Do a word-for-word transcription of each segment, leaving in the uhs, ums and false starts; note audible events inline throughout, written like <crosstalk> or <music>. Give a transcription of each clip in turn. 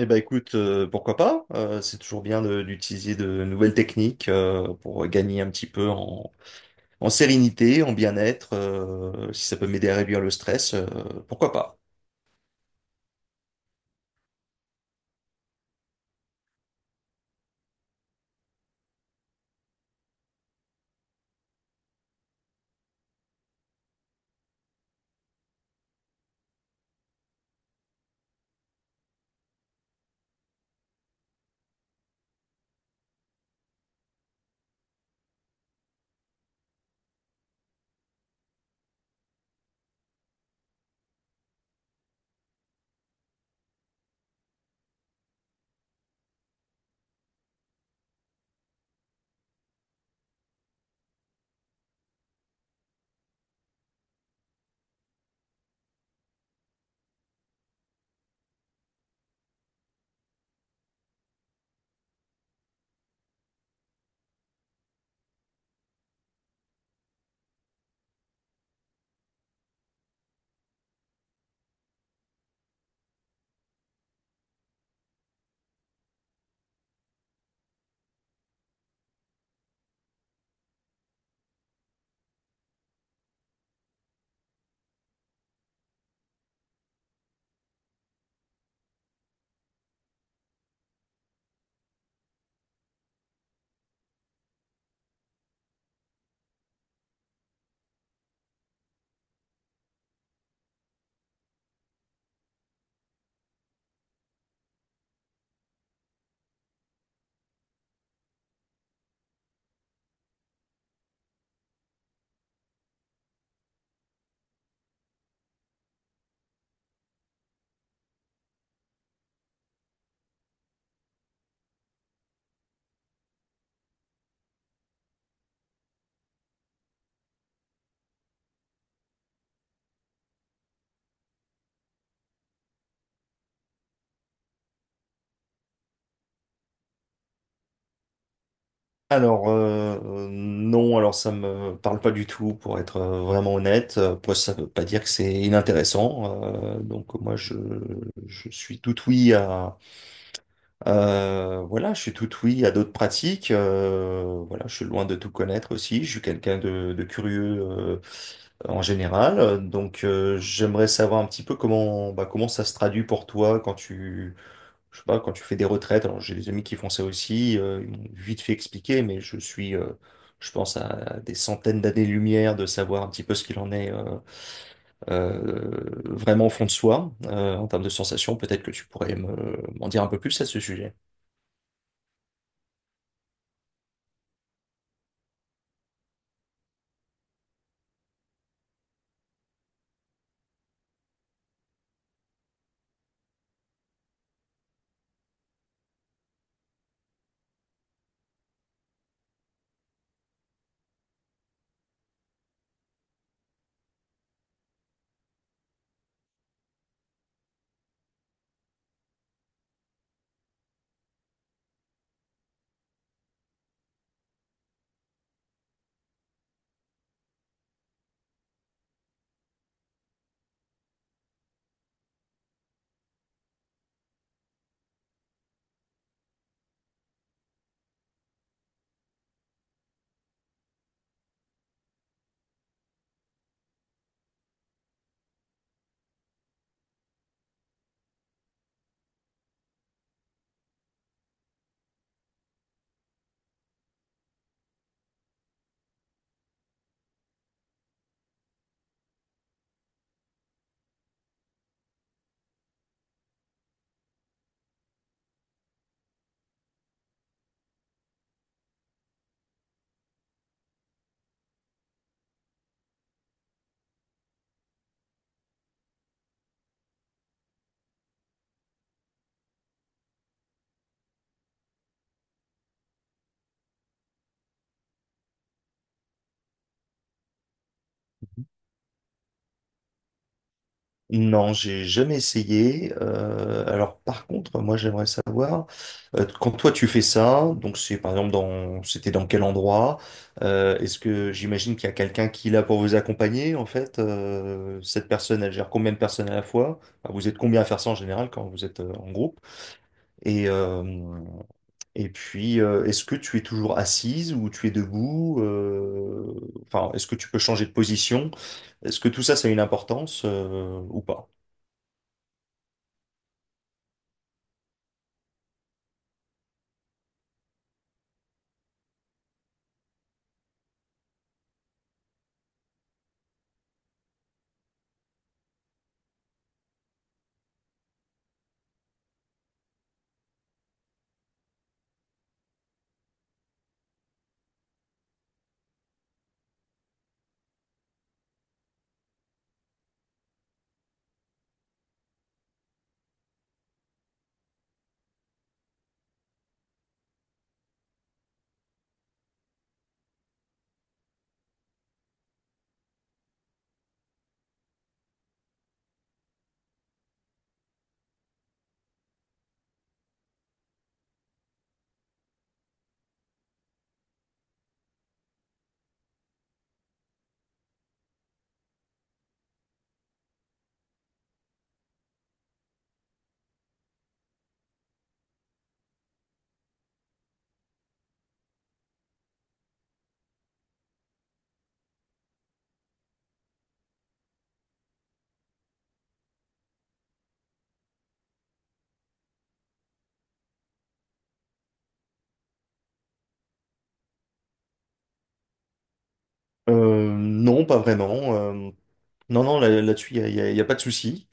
Eh ben écoute, euh, pourquoi pas? Euh, c'est toujours bien de- d'utiliser de nouvelles techniques euh, pour gagner un petit peu en, en sérénité, en bien-être. Euh, si ça peut m'aider à réduire le stress, euh, pourquoi pas? Alors euh, euh, non, alors ça me parle pas du tout, pour être euh, vraiment honnête. Euh, Après, ça veut pas dire que c'est inintéressant. Euh, donc moi, je, je suis tout oui à. Euh, voilà, je suis tout oui à d'autres pratiques. Euh, voilà, je suis loin de tout connaître aussi. Je suis quelqu'un de, de curieux euh, en général. Euh, Donc, euh, j'aimerais savoir un petit peu comment, bah, comment ça se traduit pour toi quand tu, je sais pas, quand tu fais des retraites. Alors, j'ai des amis qui font ça aussi. Euh, ils m'ont vite fait expliquer, mais je suis, euh, je pense, à des centaines d'années-lumière de savoir un petit peu ce qu'il en est. euh, euh, Vraiment au fond de soi, euh, en termes de sensations. Peut-être que tu pourrais me, m'en dire un peu plus à ce sujet. Non, j'ai jamais essayé. Euh, alors par contre, moi j'aimerais savoir, euh, quand toi tu fais ça, donc c'est par exemple dans, c'était dans quel endroit? Euh, est-ce que j'imagine qu'il y a quelqu'un qui est là pour vous accompagner en fait? Euh, cette personne, elle gère combien de personnes à la fois? Enfin, vous êtes combien à faire ça en général quand vous êtes euh, en groupe? Et, euh, et puis, euh, est-ce que tu es toujours assise ou tu es debout? Euh, enfin, est-ce que tu peux changer de position? Est-ce que tout ça, ça a une importance euh, ou pas? Euh, non, pas vraiment. Euh, non, non, là, là-dessus, il n'y a, y a- y a pas de souci.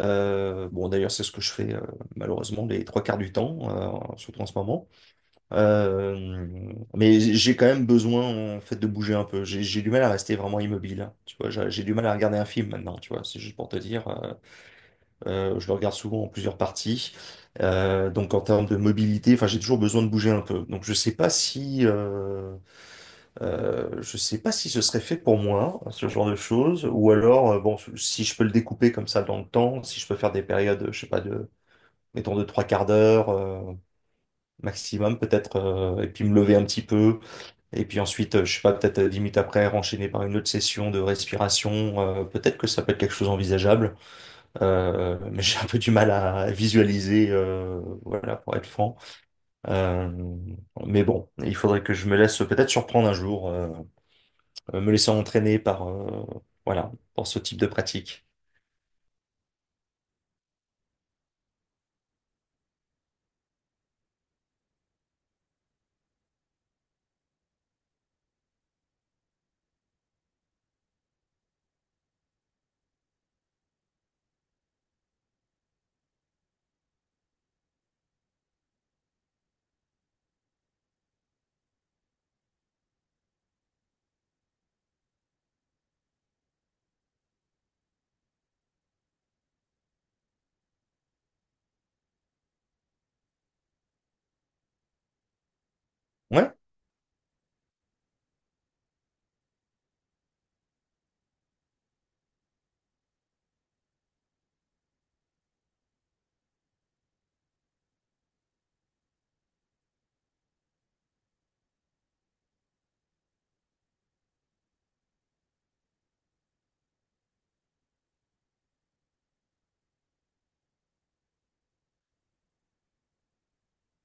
Euh, bon, d'ailleurs, c'est ce que je fais euh, malheureusement les trois quarts du temps, euh, surtout en ce moment. Euh, mais j'ai j'ai quand même besoin en fait de bouger un peu. J'ai j'ai du mal à rester vraiment immobile. Hein, tu vois, j'ai j'ai du mal à regarder un film maintenant. Tu vois, c'est juste pour te dire, euh, euh, je le regarde souvent en plusieurs parties. Euh, donc en termes de mobilité, enfin, j'ai toujours besoin de bouger un peu. Donc je sais pas si euh, euh, je sais pas si ce serait fait pour moi, ce genre de choses, ou alors, euh, bon, si je peux le découper comme ça dans le temps, si je peux faire des périodes, je sais pas, de, mettons, de trois quarts d'heure, euh, maximum, peut-être, euh, et puis me lever un petit peu, et puis ensuite, euh, je sais pas, peut-être euh, dix minutes après, enchaîner par une autre session de respiration, euh, peut-être que ça peut être quelque chose envisageable, euh, mais <laughs> j'ai un peu du mal à visualiser, euh, voilà, pour être franc. Euh, mais bon, il faudrait que je me laisse peut-être surprendre un jour. Euh, euh, me laissant entraîner par, euh, voilà, par ce type de pratique. Ouais?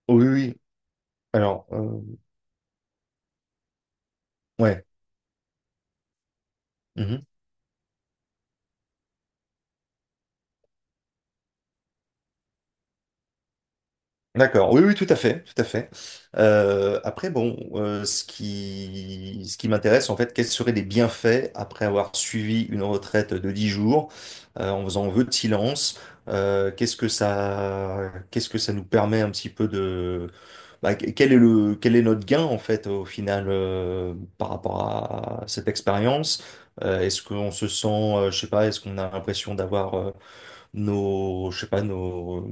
Oui, oui. Alors, euh, ouais. Mhm. D'accord, oui, oui, tout à fait, tout à fait. Euh, après, bon, euh, ce qui, ce qui m'intéresse, en fait, quels seraient les bienfaits après avoir suivi une retraite de dix jours, euh, en faisant vœu de silence, euh, qu'est-ce que ça, qu'est-ce que ça nous permet un petit peu de, bah, que- quel est le, quel est notre gain, en fait, au final, euh, par rapport à cette expérience? Euh, est-ce qu'on se sent, euh, je sais pas, est-ce qu'on a l'impression d'avoir euh, nos, je sais pas, nos,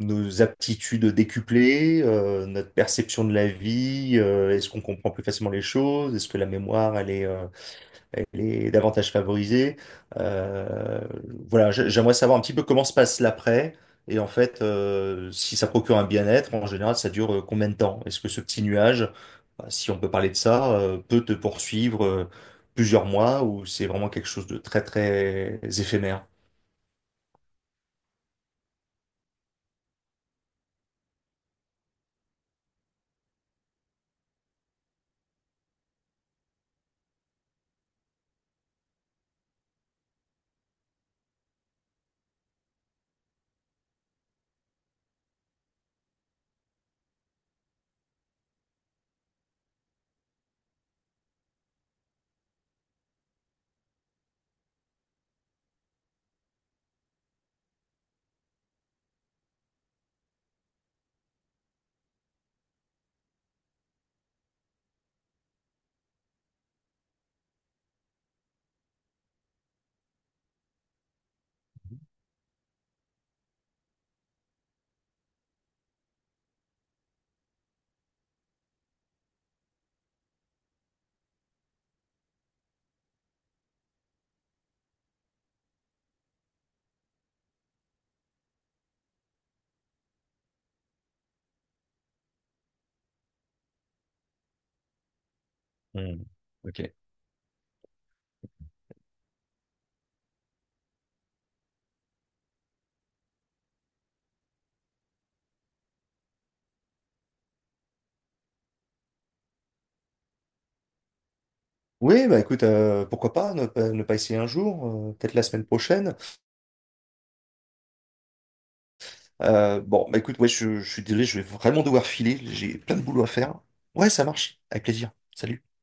nos aptitudes décuplées, euh, notre perception de la vie, euh, est-ce qu'on comprend plus facilement les choses, est-ce que la mémoire, elle est, euh, elle est davantage favorisée. Euh, voilà, j- j'aimerais savoir un petit peu comment se passe l'après. Et en fait, euh, si ça procure un bien-être, en général, ça dure euh, combien de temps? Est-ce que ce petit nuage, bah, si on peut parler de ça, euh, peut te poursuivre euh, plusieurs mois ou c'est vraiment quelque chose de très, très éphémère? Hmm. Ok. Oui, bah écoute, euh, pourquoi pas ne, pas ne pas essayer un jour, euh, peut-être la semaine prochaine. Euh, bon, bah écoute, ouais, je, je suis désolé, je vais vraiment devoir filer, j'ai plein de boulot à faire. Ouais, ça marche, avec plaisir. Salut.